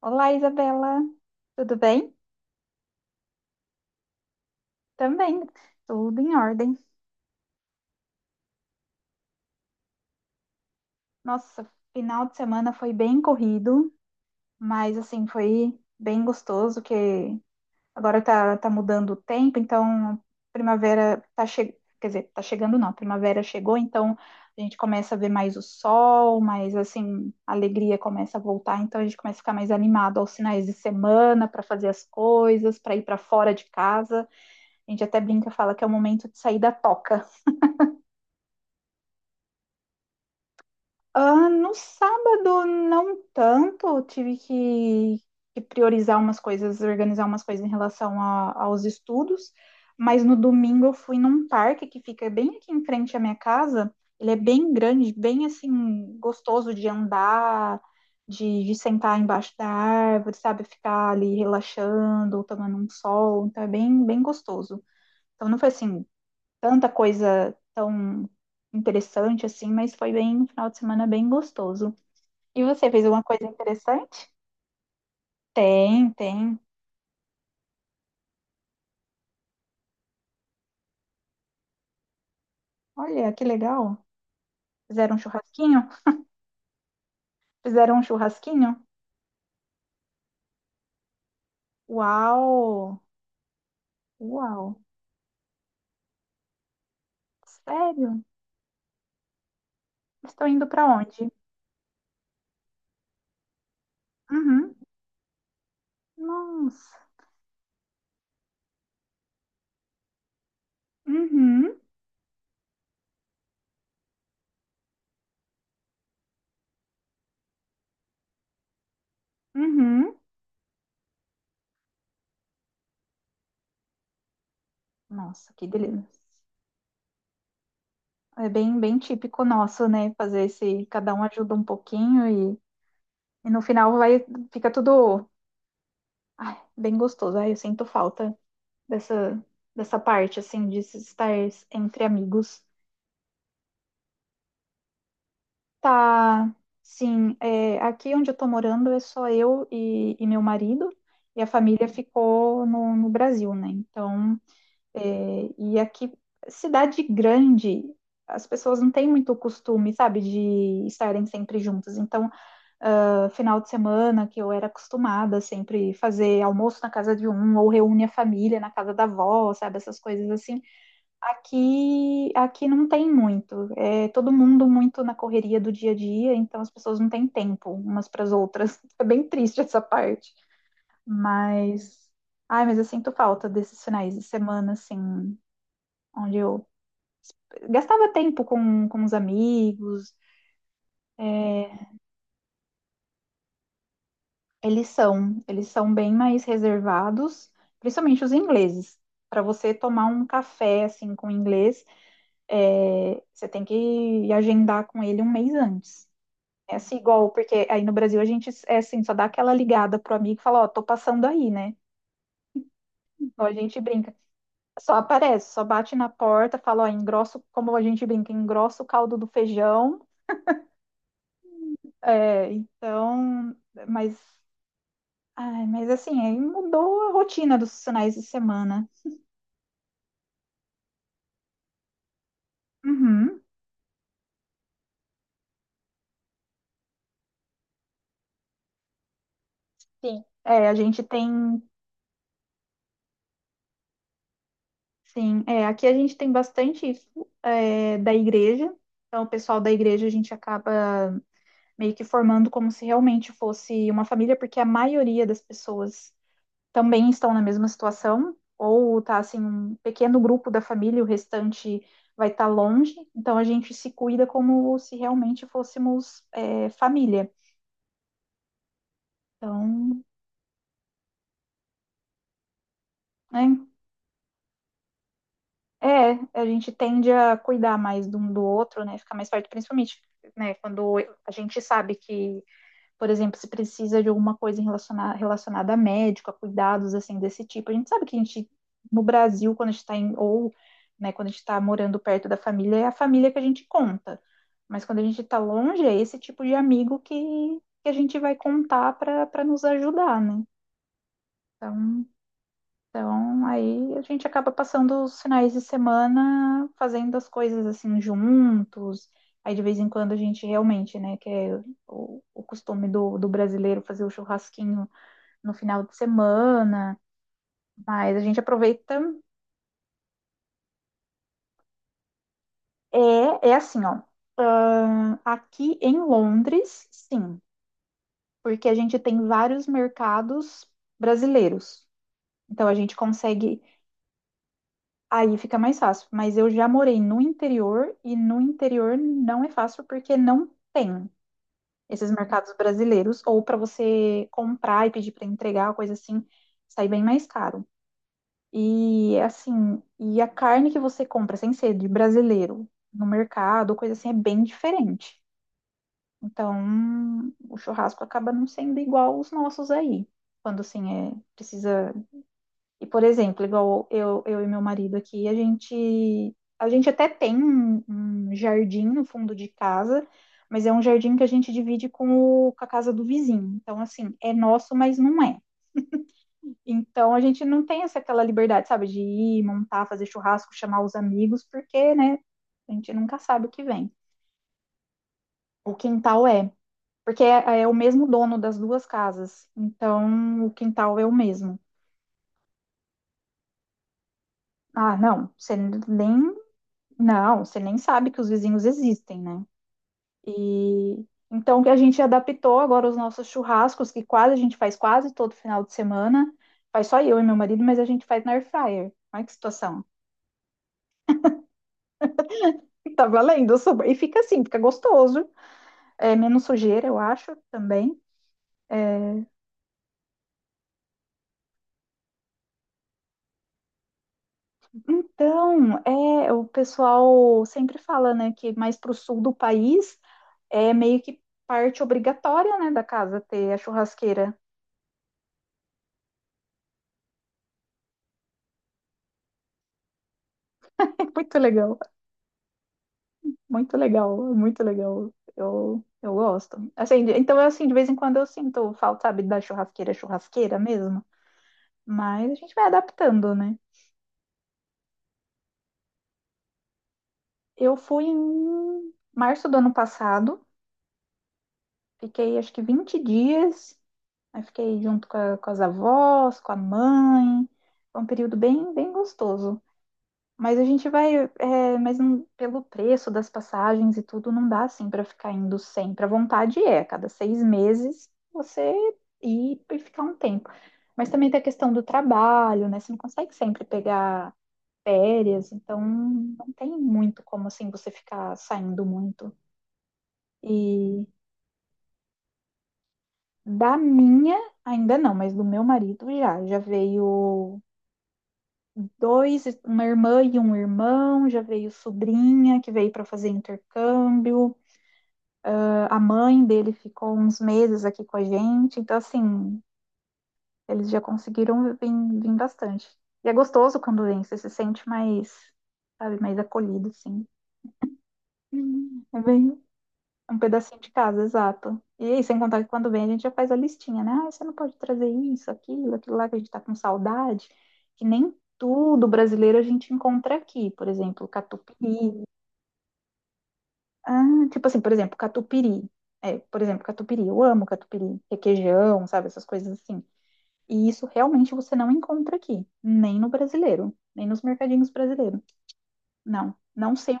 Olá, Isabela. Tudo bem? Também, tudo em ordem. Nossa, final de semana foi bem corrido, mas assim, foi bem gostoso que agora tá mudando o tempo, então primavera tá chegando, quer dizer, tá chegando não, primavera chegou, então a gente começa a ver mais o sol, mas assim, a alegria começa a voltar, então a gente começa a ficar mais animado aos finais de semana para fazer as coisas, para ir para fora de casa. A gente até brinca, fala que é o momento de sair da toca. Ah, no sábado, não tanto. Eu tive que priorizar umas coisas, organizar umas coisas em relação aos estudos. Mas no domingo eu fui num parque que fica bem aqui em frente à minha casa. Ele é bem grande, bem assim, gostoso de andar, de sentar embaixo da árvore, sabe? Ficar ali relaxando, tomando um sol. Então é bem, bem gostoso. Então não foi assim, tanta coisa tão interessante assim, mas foi bem, um final de semana bem gostoso. E você fez alguma coisa interessante? Tem, tem. Olha, que legal. Fizeram um churrasquinho? Fizeram um churrasquinho? Uau! Uau! Sério? Estão indo para onde? Uhum. Nossa. Uhum. Uhum. Nossa, que delícia. É bem, bem típico nosso, né? Fazer esse, cada um ajuda um pouquinho e, e no final vai, fica tudo bem gostoso. Ai, eu sinto falta dessa, dessa parte, assim, de se estar entre amigos. Tá, sim, é, aqui onde eu tô morando é só eu e meu marido, e a família ficou no, no Brasil, né? Então, é, e aqui, cidade grande, as pessoas não têm muito costume, sabe, de estarem sempre juntas. Então, ah, final de semana, que eu era acostumada sempre fazer almoço na casa de um, ou reúne a família na casa da avó, sabe? Essas coisas assim. Aqui não tem muito. É todo mundo muito na correria do dia a dia, então as pessoas não têm tempo umas para as outras. É bem triste essa parte. Mas. Ai, mas eu sinto falta desses finais de semana, assim, onde eu gastava tempo com os amigos. É, eles são bem mais reservados, principalmente os ingleses. Para você tomar um café assim com inglês, é, você tem que agendar com ele um mês antes. É assim, igual, porque aí no Brasil a gente é assim, só dá aquela ligada pro amigo e fala, ó, tô passando aí, né? Então a gente brinca. Só aparece, só bate na porta, fala, ó, engrosso, como a gente brinca, engrossa o caldo do feijão. É, então, mas, ai, mas assim, aí mudou a rotina dos finais de semana. Uhum. Sim. É, a gente tem, sim, é, aqui a gente tem bastante isso é, da igreja. Então, o pessoal da igreja a gente acaba meio que formando como se realmente fosse uma família, porque a maioria das pessoas também estão na mesma situação, ou tá assim, um pequeno grupo da família, o restante vai estar longe. Então, a gente se cuida como se realmente fôssemos é, família. Então, né? É, a gente tende a cuidar mais de um do outro, né? Ficar mais perto, principalmente, né? Quando a gente sabe que, por exemplo, se precisa de alguma coisa relacionada a médico, a cuidados assim desse tipo. A gente sabe que a gente, no Brasil, quando a gente está em, ou, né, quando a gente está morando perto da família, é a família que a gente conta. Mas quando a gente está longe, é esse tipo de amigo que a gente vai contar para nos ajudar, né? Então, então, aí a gente acaba passando os finais de semana fazendo as coisas assim juntos. Aí de vez em quando a gente realmente, né, que é o costume do brasileiro fazer o churrasquinho no final de semana. Mas a gente aproveita. É, é assim, ó. Aqui em Londres, sim, porque a gente tem vários mercados brasileiros. Então a gente consegue. Aí fica mais fácil. Mas eu já morei no interior e no interior não é fácil porque não tem esses mercados brasileiros. Ou para você comprar e pedir para entregar, coisa assim, sai bem mais caro. E assim, e a carne que você compra sem ser de brasileiro no mercado, coisa assim, é bem diferente. Então, o churrasco acaba não sendo igual os nossos aí. Quando assim, é, precisa e, por exemplo, igual eu e meu marido aqui, a gente até tem um, um jardim no fundo de casa, mas é um jardim que a gente divide com a casa do vizinho. Então, assim, é nosso, mas não é. Então, a gente não tem essa aquela liberdade, sabe, de ir, montar, fazer churrasco, chamar os amigos, porque, né, a gente nunca sabe o que vem. O quintal é. Porque é, é o mesmo dono das duas casas. Então, o quintal é o mesmo. Ah, não, você nem Não, você nem sabe que os vizinhos existem, né? E então que a gente adaptou agora os nossos churrascos, que quase a gente faz quase todo final de semana. Faz só eu e meu marido, mas a gente faz na air fryer. Olha que situação. Tá valendo super. E fica assim, fica gostoso. É menos sujeira, eu acho, também. Então, é, o pessoal sempre fala, né, que mais pro sul do país é meio que parte obrigatória, né, da casa ter a churrasqueira. É muito legal. Muito legal, muito legal. Eu gosto. Assim, então, assim, de vez em quando eu sinto falta, sabe, da churrasqueira, churrasqueira mesmo. Mas a gente vai adaptando, né? Eu fui em março do ano passado, fiquei acho que 20 dias. Aí fiquei junto com as avós, com a mãe. Foi um período bem, bem gostoso. Mas a gente vai, é, mas não- pelo preço das passagens e tudo, não dá assim para ficar indo sempre. A vontade é, a cada 6 meses você ir e ficar um tempo. Mas também tem a questão do trabalho, né? Você não consegue sempre pegar férias, então não tem muito como assim você ficar saindo muito. E da minha, ainda não, mas do meu marido já. Já veio dois, uma irmã e um irmão, já veio sobrinha que veio para fazer intercâmbio. A mãe dele ficou uns meses aqui com a gente, então assim, eles já conseguiram vir bastante. E é gostoso quando vem, você se sente mais, sabe, mais acolhido, assim. Hum. É bem, um pedacinho de casa, exato. E aí, sem contar que quando vem a gente já faz a listinha, né? Ah, você não pode trazer isso, aquilo, aquilo lá que a gente tá com saudade, que nem tudo brasileiro a gente encontra aqui. Por exemplo, catupiry. Ah, tipo assim, por exemplo, catupiry. É, por exemplo, catupiry. Eu amo catupiry, requeijão, sabe? Essas coisas assim. E isso realmente você não encontra aqui, nem no brasileiro, nem nos mercadinhos brasileiros. Não sei.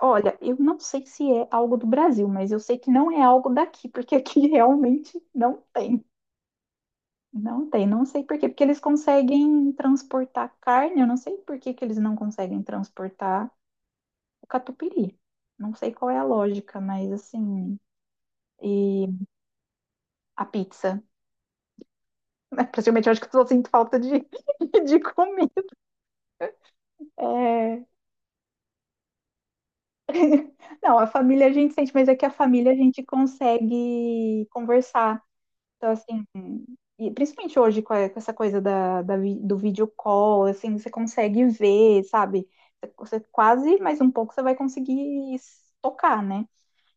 Olha, eu não sei se é algo do Brasil, mas eu sei que não é algo daqui, porque aqui realmente não tem. Não tem, não sei por quê, porque eles conseguem transportar carne, eu não sei por que que eles não conseguem transportar o catupiry. Não sei qual é a lógica, mas assim, e a pizza. Praticamente eu acho que eu só sinto falta de, de comida. É, não, a família a gente sente, mas é que a família a gente consegue conversar. Então, assim, e principalmente hoje com essa coisa da do vídeo call, assim, você consegue ver, sabe? Você quase, mais um pouco, você vai conseguir tocar, né?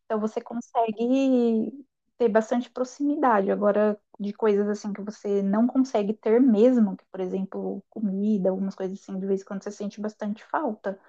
Então você consegue ter bastante proximidade. Agora, de coisas assim que você não consegue ter mesmo, que, por exemplo, comida, algumas coisas assim, de vez em quando você sente bastante falta.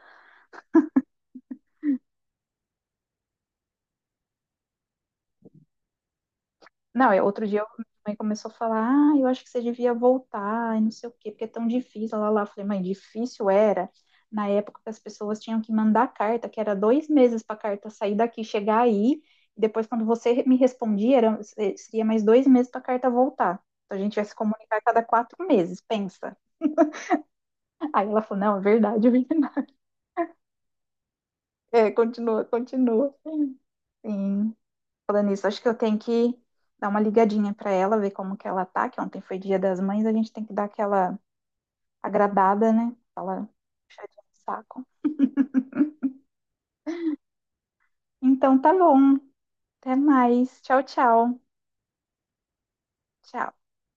Não, minha mãe começou a falar, ah, eu acho que você devia voltar e não sei o quê, porque é tão difícil, lá. Eu falei, mãe, difícil era na época que as pessoas tinham que mandar carta, que era 2 meses para a carta sair daqui, chegar aí, e depois quando você me respondia, era, seria mais 2 meses para a carta voltar. Então a gente vai se comunicar a cada 4 meses, pensa. Aí ela falou, não, é verdade, é verdade. É, continua, continua. Sim, falando nisso, acho que eu tenho que dar uma ligadinha pra ela, ver como que ela tá, que ontem foi Dia das Mães, a gente tem que dar aquela agradada, né? Fala, puxadinha de saco. Então tá bom. Até mais. Tchau, tchau. Tchau.